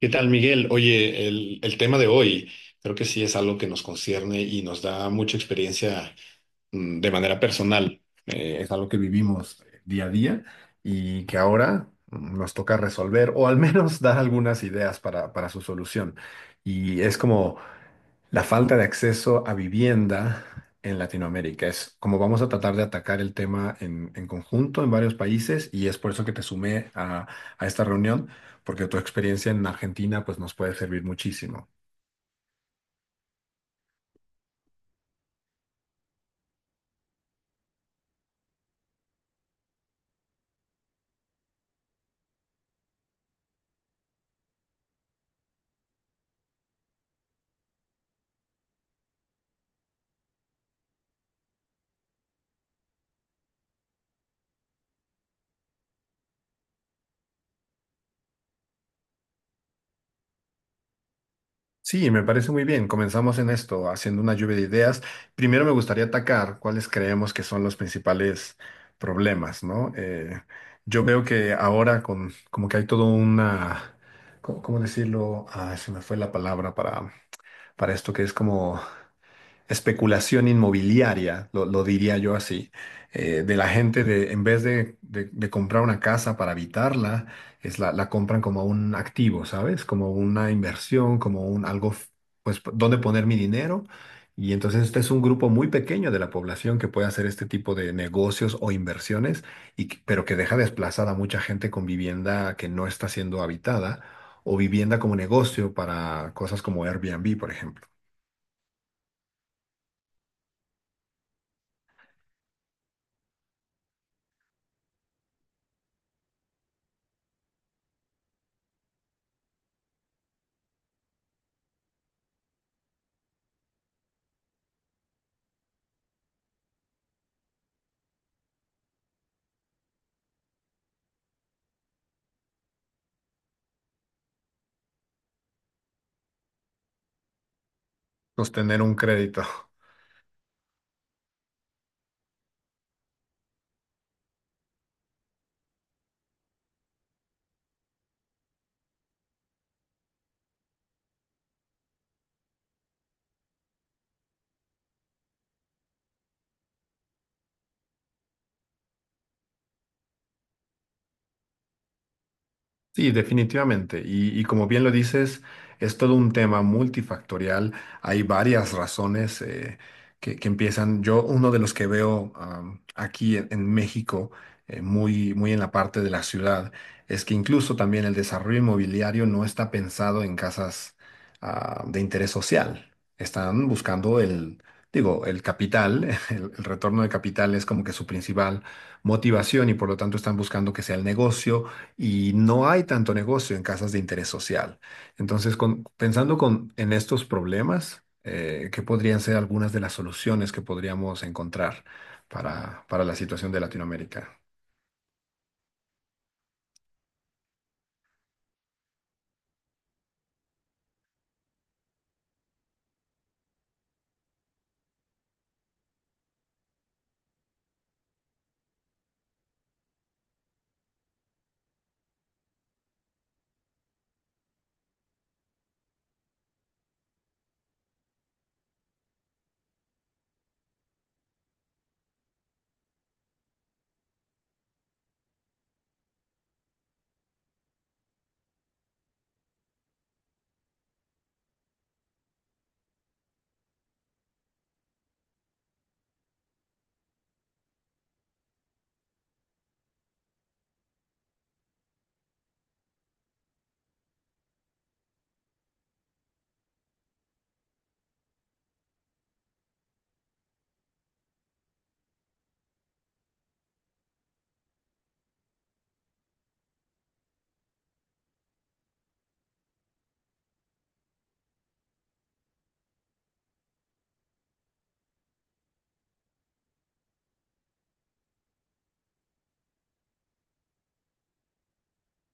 ¿Qué tal, Miguel? Oye, el tema de hoy creo que sí es algo que nos concierne y nos da mucha experiencia de manera personal. Es algo que vivimos día a día y que ahora nos toca resolver o al menos dar algunas ideas para su solución. Y es como la falta de acceso a vivienda en Latinoamérica es como vamos a tratar de atacar el tema en conjunto en varios países y es por eso que te sumé a esta reunión, porque tu experiencia en Argentina pues nos puede servir muchísimo. Sí, me parece muy bien. Comenzamos en esto, haciendo una lluvia de ideas. Primero me gustaría atacar cuáles creemos que son los principales problemas, ¿no? Yo veo que ahora como que hay todo una, ¿cómo decirlo? Ah, se me fue la palabra para esto que es como especulación inmobiliaria, lo diría yo así, de la gente de, en vez de, de comprar una casa para habitarla, es la compran como un activo, ¿sabes? Como una inversión, como un algo, dónde poner mi dinero. Y entonces este es un grupo muy pequeño de la población que puede hacer este tipo de negocios o inversiones, pero que deja desplazada a mucha gente con vivienda que no está siendo habitada o vivienda como negocio para cosas como Airbnb, por ejemplo. Sostener un crédito. Sí, definitivamente. Y como bien lo dices, es todo un tema multifactorial. Hay varias razones que empiezan. Yo, uno de los que veo aquí en México, muy en la parte de la ciudad, es que incluso también el desarrollo inmobiliario no está pensado en casas de interés social. Están buscando el capital, el retorno de capital es como que su principal motivación y por lo tanto están buscando que sea el negocio y no hay tanto negocio en casas de interés social. Entonces, en estos problemas, ¿qué podrían ser algunas de las soluciones que podríamos encontrar para la situación de Latinoamérica?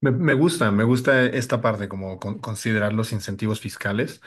Me gusta, me gusta esta parte, como considerar los incentivos fiscales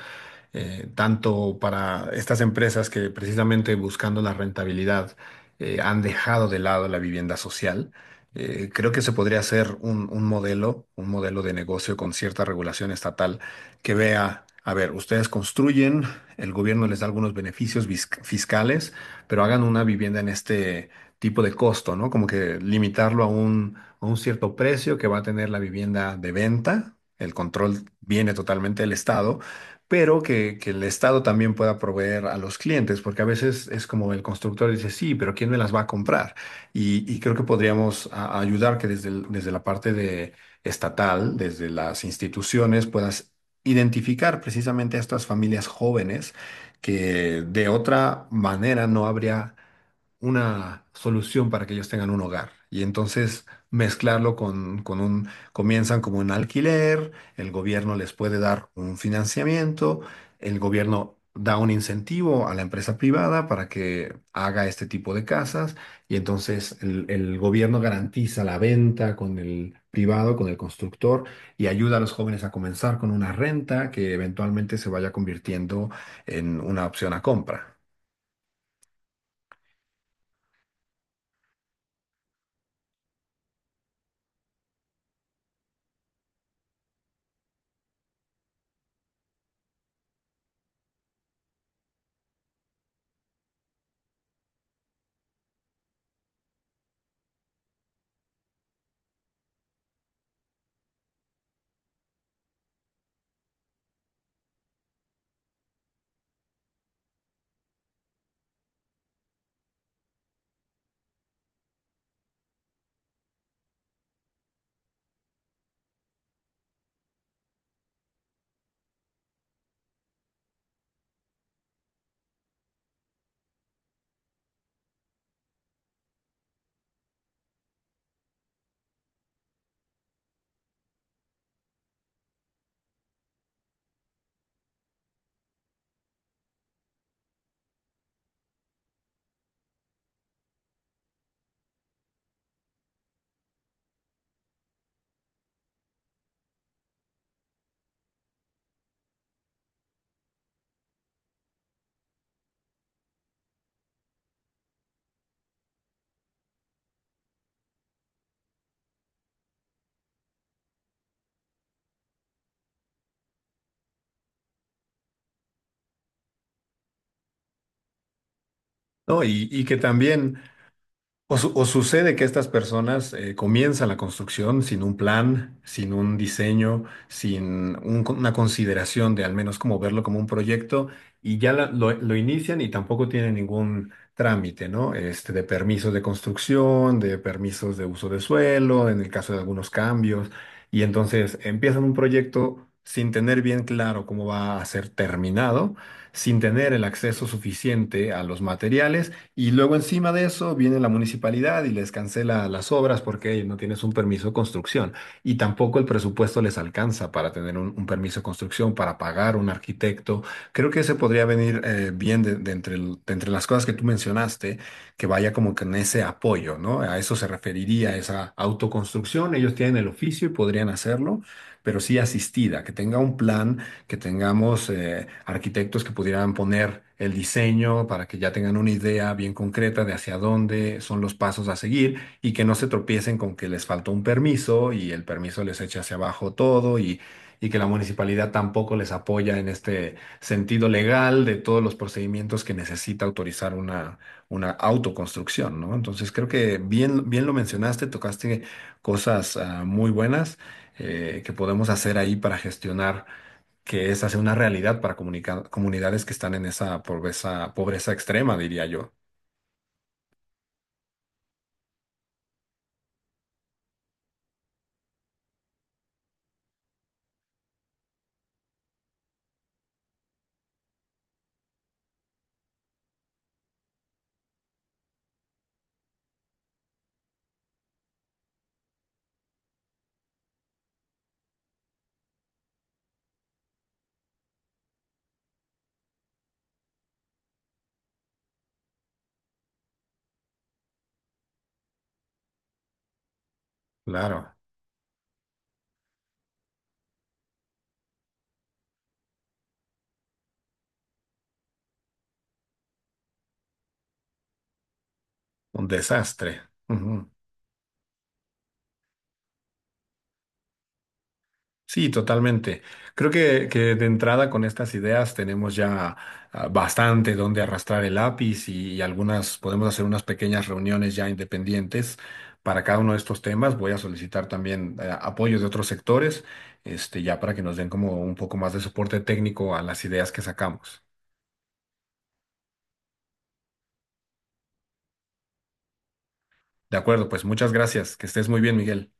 tanto para estas empresas que precisamente buscando la rentabilidad han dejado de lado la vivienda social. Creo que se podría hacer un modelo de negocio con cierta regulación estatal que vea, a ver, ustedes construyen, el gobierno les da algunos beneficios fiscales, pero hagan una vivienda en este tipo de costo, ¿no? Como que limitarlo a a un cierto precio que va a tener la vivienda de venta. El control viene totalmente del Estado pero que el Estado también pueda proveer a los clientes, porque a veces es como el constructor dice, sí, pero ¿quién me las va a comprar? Y creo que podríamos ayudar que desde, desde la parte de estatal, desde las instituciones, puedas identificar precisamente a estas familias jóvenes que de otra manera no habría una solución para que ellos tengan un hogar. Y entonces mezclarlo comienzan como un alquiler, el gobierno les puede dar un financiamiento, el gobierno da un incentivo a la empresa privada para que haga este tipo de casas y entonces el gobierno garantiza la venta con el privado, con el constructor y ayuda a los jóvenes a comenzar con una renta que eventualmente se vaya convirtiendo en una opción a compra. ¿No? Y que también o, o sucede que estas personas comienzan la construcción sin un plan, sin un diseño, sin una consideración de al menos como verlo como un proyecto y ya lo inician y tampoco tienen ningún trámite, ¿no? Este, de permisos de construcción, de permisos de uso de suelo, en el caso de algunos cambios. Y entonces empiezan un proyecto sin tener bien claro cómo va a ser terminado, sin tener el acceso suficiente a los materiales y luego encima de eso viene la municipalidad y les cancela las obras porque no tienes un permiso de construcción y tampoco el presupuesto les alcanza para tener un permiso de construcción, para pagar un arquitecto. Creo que ese podría venir bien de entre las cosas que tú mencionaste, que vaya como que en ese apoyo, ¿no? A eso se referiría esa autoconstrucción. Ellos tienen el oficio y podrían hacerlo, pero sí asistida, que tenga un plan que tengamos arquitectos que pudieran poner el diseño para que ya tengan una idea bien concreta de hacia dónde son los pasos a seguir y que no se tropiecen con que les faltó un permiso y el permiso les echa hacia abajo todo y que la municipalidad tampoco les apoya en este sentido legal de todos los procedimientos que necesita autorizar una autoconstrucción, ¿no? Entonces creo que bien, bien lo mencionaste, tocaste cosas muy buenas que podemos hacer ahí para gestionar que es hacer una realidad para comunidades que están en esa pobreza, pobreza extrema, diría yo. Claro, un desastre. Ujú. Sí, totalmente. Creo que de entrada con estas ideas tenemos ya bastante donde arrastrar el lápiz y algunas, podemos hacer unas pequeñas reuniones ya independientes para cada uno de estos temas. Voy a solicitar también apoyo de otros sectores, este, ya para que nos den como un poco más de soporte técnico a las ideas que sacamos. De acuerdo, pues muchas gracias. Que estés muy bien, Miguel.